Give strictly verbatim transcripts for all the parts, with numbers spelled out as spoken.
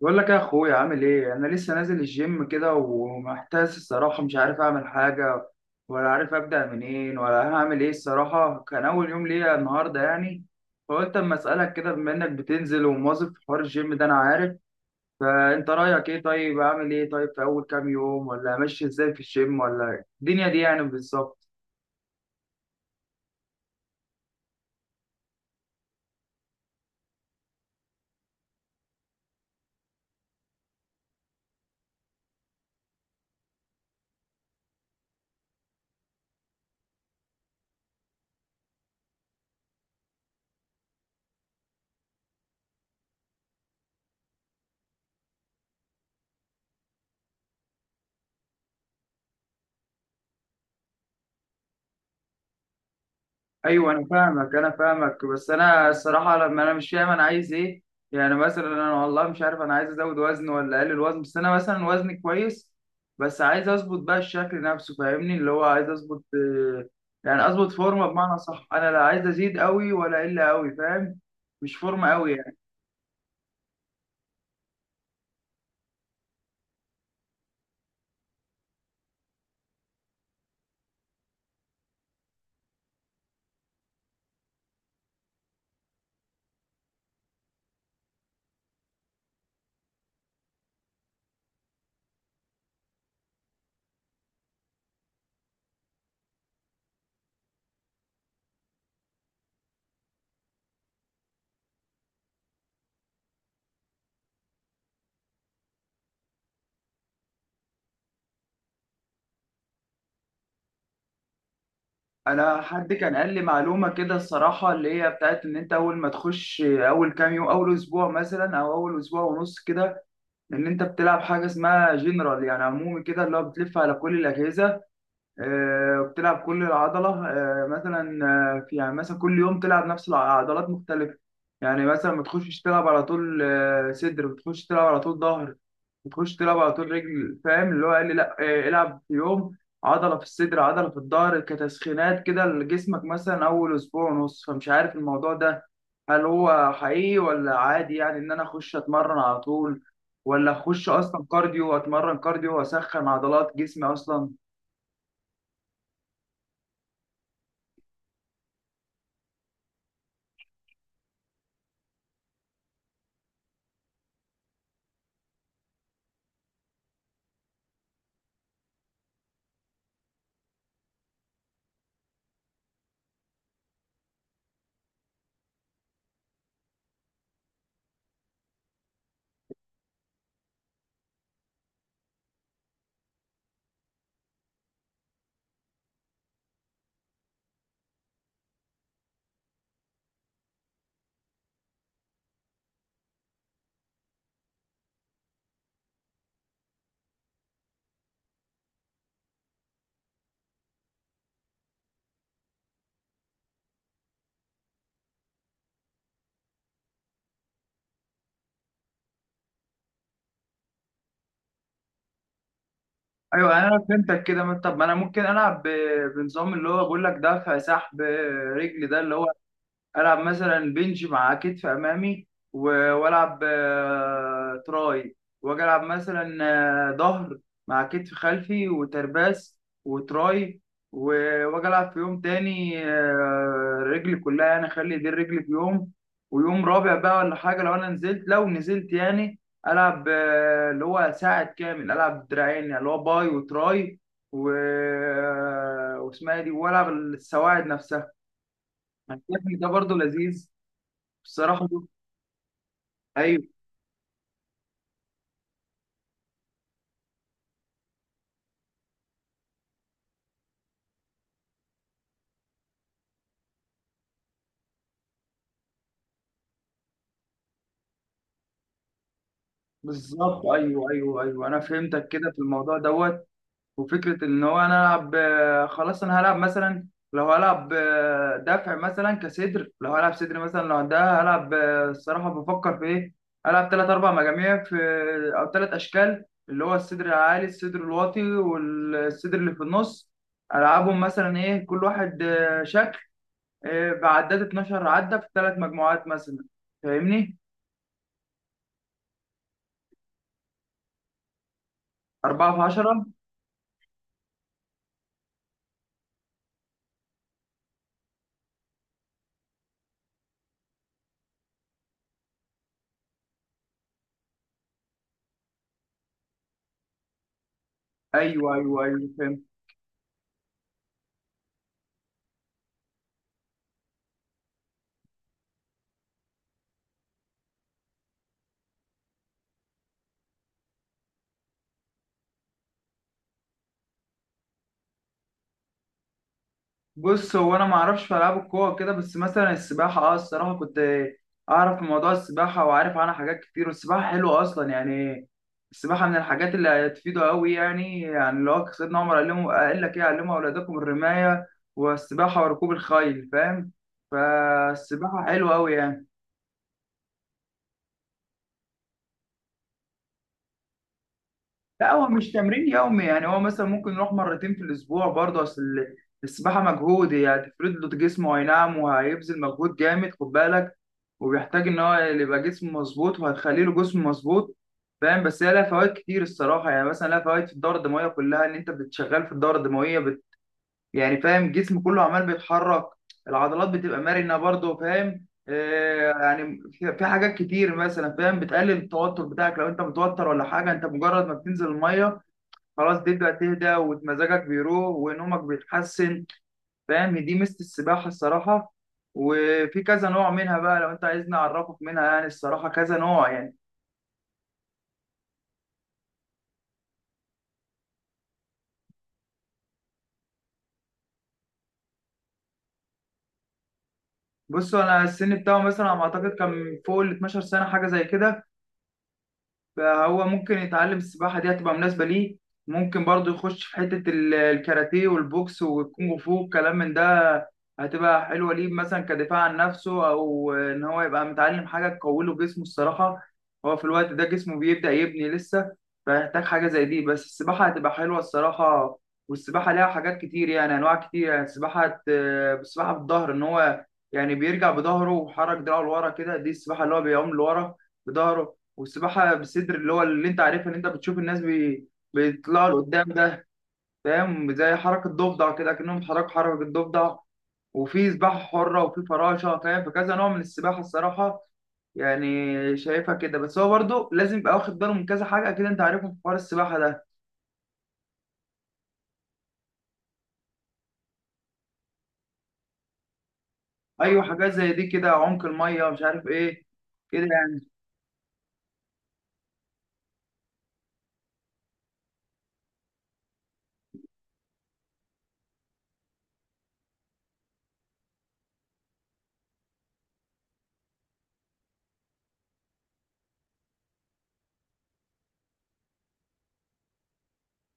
بقول لك يا اخويا، عامل ايه؟ انا لسه نازل الجيم كده ومحتاس الصراحه، مش عارف اعمل حاجه ولا عارف ابدا منين ولا هعمل ايه الصراحه. كان اول يوم ليا النهارده يعني، فقلت اما اسالك كده بما انك بتنزل ومواظب في حوار الجيم ده، انا عارف. فانت رايك ايه؟ طيب اعمل ايه؟ طيب في اول كام يوم، ولا امشي ازاي في الجيم ولا الدنيا دي يعني بالظبط؟ ايوه انا فاهمك انا فاهمك، بس انا الصراحه لما انا مش فاهم انا عايز ايه. يعني مثلا انا والله مش عارف انا عايز ازود وزن ولا اقلل وزن، بس انا مثلا وزني كويس، بس عايز اظبط بقى الشكل نفسه، فاهمني؟ اللي هو عايز اظبط آه، يعني اظبط فورمه، بمعنى صح انا لا عايز ازيد قوي ولا اقل قوي، فاهم؟ مش فورمه قوي يعني. انا حد كان قال لي معلومه كده الصراحه، اللي هي بتاعت ان انت اول ما تخش اول كام يوم، اول اسبوع مثلا او اول اسبوع ونص كده، ان انت بتلعب حاجه اسمها جنرال، يعني عمومي كده، اللي هو بتلف على كل الاجهزه آه، وبتلعب كل العضله آه، مثلا. آه، في يعني مثلا كل يوم تلعب نفس العضلات مختلفه. يعني مثلا ما تخشش تلعب على طول آه، صدر، بتخش تلعب على طول ظهر، بتخش تلعب على طول رجل، فاهم؟ اللي هو قال لي لا، آه، العب في يوم عضله في الصدر، عضله في الظهر، كتسخينات كده لجسمك مثلا اول اسبوع ونص. فمش عارف الموضوع ده هل هو حقيقي ولا عادي يعني، ان انا اخش اتمرن على طول، ولا اخش اصلا كارديو، اتمرن كارديو واسخن عضلات جسمي اصلا. ايوه يعني انا فهمتك كده. ما- طب ما انا ممكن العب ب- بنظام اللي هو بقول لك دفع سحب آه، رجل، ده اللي هو العب مثلا بنج مع كتف امامي، و- والعب آه، تراي، واجي العب مثلا آه، ظهر مع كتف خلفي وترباس وتراي، و- واجي العب في يوم تاني آه، رجلي كلها، يعني اخلي دي الرجل في يوم، ويوم رابع بقى ولا حاجه لو انا نزلت، لو نزلت يعني، العب آه، اللي هو ساعد كامل، العب دراعين يعني، اللي هو باي وتراي، و... آه، واسمها إيه دي، والعب السواعد نفسها. أنا شايف إن ده برضه لذيذ بصراحة. أيوه. بالظبط، أيوه، أيوه، أيوه، أنا فهمتك كده في الموضوع دوت. وفكرة إن هو أنا ألعب آه، خلاص أنا هلعب مثلا، لو هلعب آه، دفع مثلا كصدر، لو هلعب صدر مثلا، لو ده هلعب آه، الصراحة بفكر في إيه. هلعب تلات أربع مجاميع في أو تلات أشكال، اللي هو الصدر العالي، الصدر الواطي، والصدر اللي في النص. ألعبهم مثلا إيه كل واحد آه، شكل آه، بعداد اتناشر عدة في تلات مجموعات مثلا، فاهمني؟ أربعة في عشرة. ايوه، ايوه، ايوه، فهمت. بص هو انا ما اعرفش في العاب القوه كده، بس مثلا السباحه، اه الصراحه، كنت اعرف في موضوع السباحه وعارف عنها حاجات كتير، والسباحه حلوه اصلا يعني. السباحه من الحاجات اللي هتفيده قوي يعني يعني لو سيدنا عمر علمه قال لك ايه؟ علموا اولادكم الرمايه والسباحه وركوب الخيل، فاهم؟ فالسباحه حلوه قوي يعني. لا هو مش تمرين يومي، يعني هو مثلا ممكن يروح مرتين في الاسبوع برضه. اصل ال- السباحه مجهود، يعني هتفرد له جسمه، اي نعم، وهيبذل مجهود جامد، خد بالك. وبيحتاج ان هو اللي يبقى جسمه مظبوط، وهتخلي له جسم مظبوط، فاهم؟ بس هي لها فوائد كتير الصراحه. يعني مثلا لها فوائد في الدوره الدمويه كلها، ان انت بتشغل في الدوره الدمويه بت... يعني فاهم الجسم كله عمال بيتحرك، العضلات بتبقى مرنه برضه، فاهم؟ آه، يعني في في حاجات كتير مثلا، فاهم؟ بتقلل التوتر بتاعك لو انت متوتر ولا حاجه. انت مجرد ما بتنزل الميه خلاص تبدأ تهدى، ومزاجك بيروح، ونومك بيتحسن، فاهم؟ دي ميزة السباحة الصراحة. وفي كذا نوع منها بقى لو انت عايزني اعرفك منها، يعني الصراحة كذا نوع يعني. بصوا، انا السن بتاعه مثلا على ما اعتقد كان فوق ال اثنا عشر سنة، حاجة زي كده. فهو ممكن يتعلم السباحة، دي هتبقى مناسبة ليه. ممكن برضه يخش في حتة ال- الكاراتيه والبوكس والكونغ فو والكلام من ده. هتبقى حلوة ليه، مثلا كدفاع عن نفسه، أو إن هو يبقى متعلم حاجة تقوي له جسمه الصراحة. هو في الوقت ده جسمه بيبدأ يبني لسه، فيحتاج حاجة زي دي. بس السباحة هتبقى حلوة الصراحة. والسباحة ليها حاجات كتير، يعني أنواع كتير يعني. السباحة هت- السباحة بالظهر إن هو يعني بيرجع بظهره، وحرك دراعه لورا كده، دي السباحة اللي هو بيعوم لورا بظهره. والسباحة بالصدر اللي هو اللي انت عارفها، اللي انت بتشوف الناس بي... بيطلعوا لقدام ده، فاهم؟ زي حركة ضفدع كده، كأنهم حركوا حركة الضفدع. وفي سباحة حرة وفي فراشة، فاهم؟ فكذا نوع من السباحة الصراحة، يعني شايفها كده. بس هو برضه لازم يبقى واخد باله من كذا حاجة، أكيد أنت عارفهم في حوار السباحة ده. أيوة، حاجات زي دي كده، عمق المية مش عارف إيه كده يعني.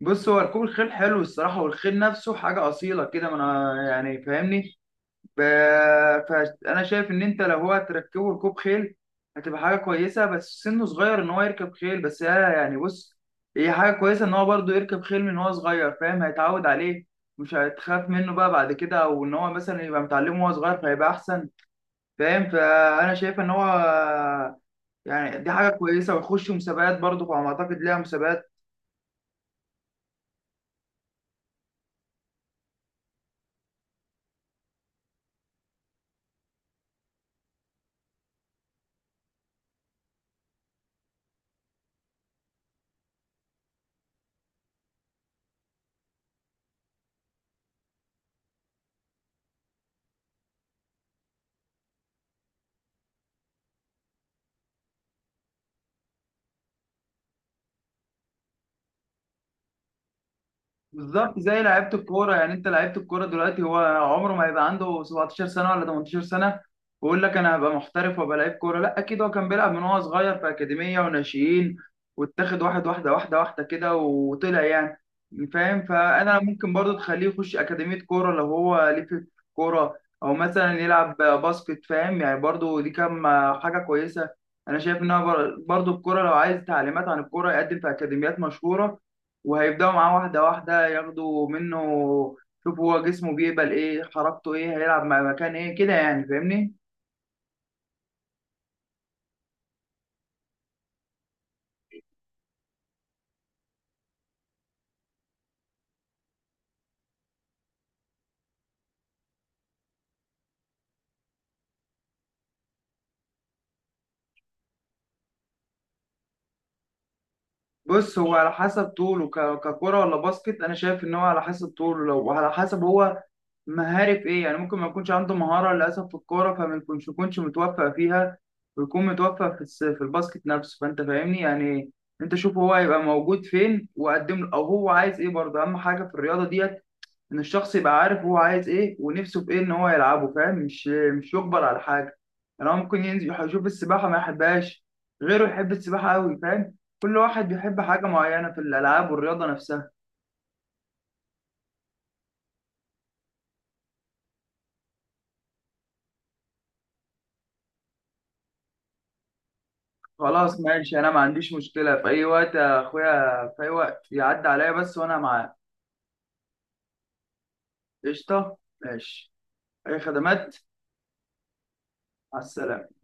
بص هو ركوب الخيل حلو الصراحة، والخيل نفسه حاجة أصيلة كده، ما أنا يعني فاهمني. ب- فانا شايف ان انت لو هو هتركبه ركوب خيل، هتبقى حاجه كويسه. بس سنه صغير ان هو يركب خيل، بس هي يعني، بص، هي حاجه كويسه ان هو برضه يركب خيل من هو صغير، فاهم؟ هيتعود عليه، مش هتخاف منه بقى بعد كده، او ان هو مثلا يبقى متعلمه وهو صغير فهيبقى احسن، فاهم؟ فانا شايف ان هو يعني دي حاجه كويسه، ويخش مسابقات برضه، على ما اعتقد ليها مسابقات. بالظبط، زي لعيبه الكوره يعني. انت لعيبه الكوره دلوقتي هو عمره ما هيبقى عنده سبعة عشر سنه ولا تمنتاشر سنه ويقول لك انا هبقى محترف وابقى لعيب كوره، لا، اكيد هو كان بيلعب من وهو صغير في اكاديميه وناشئين، واتاخد واحد واحده واحده واحده كده وطلع يعني، فاهم؟ فانا ممكن برضو تخليه يخش اكاديميه كوره لو هو ليه في الكوره، او مثلا يلعب باسكت، فاهم يعني؟ برضو دي كام حاجه كويسه. انا شايف انها بر- برضو الكوره، لو عايز تعليمات عن الكوره يقدم في اكاديميات مشهوره، وهيبداوا معاه واحده واحده ياخدوا منه، شوفوا هو جسمه بيقبل ايه، حركته ايه، هيلعب مع مكان ايه كده، يعني فاهمني؟ بص هو على حسب طوله ك- ككرة ولا باسكت، انا شايف ان هو على حسب طوله لو وعلى حسب هو مهاري في ايه. يعني ممكن ما يكونش عنده مهارة للأسف في الكورة، فما يكونش يكونش متوفق فيها، ويكون متوفق في الس- في الباسكت نفسه، فأنت فاهمني يعني. أنت شوف هو هيبقى موجود فين وقدم له، أو هو عايز إيه برضه. أهم حاجة في الرياضة ديت ان الشخص يبقى عارف هو عايز ايه، ونفسه في ايه ان هو يلعبه، فاهم؟ مش مش يجبر على حاجه. يعني هو ممكن ينزل يح- يشوف السباحه ما يحبهاش، غيره يحب السباحه قوي، فاهم؟ كل واحد بيحب حاجه معينه في الالعاب والرياضه نفسها. خلاص ماشي، انا ما عنديش مشكله في اي وقت يا اخويا، في اي وقت يعدي عليا بس وانا معاه. قشطه ماشي. اي خدمات. مع السلامه.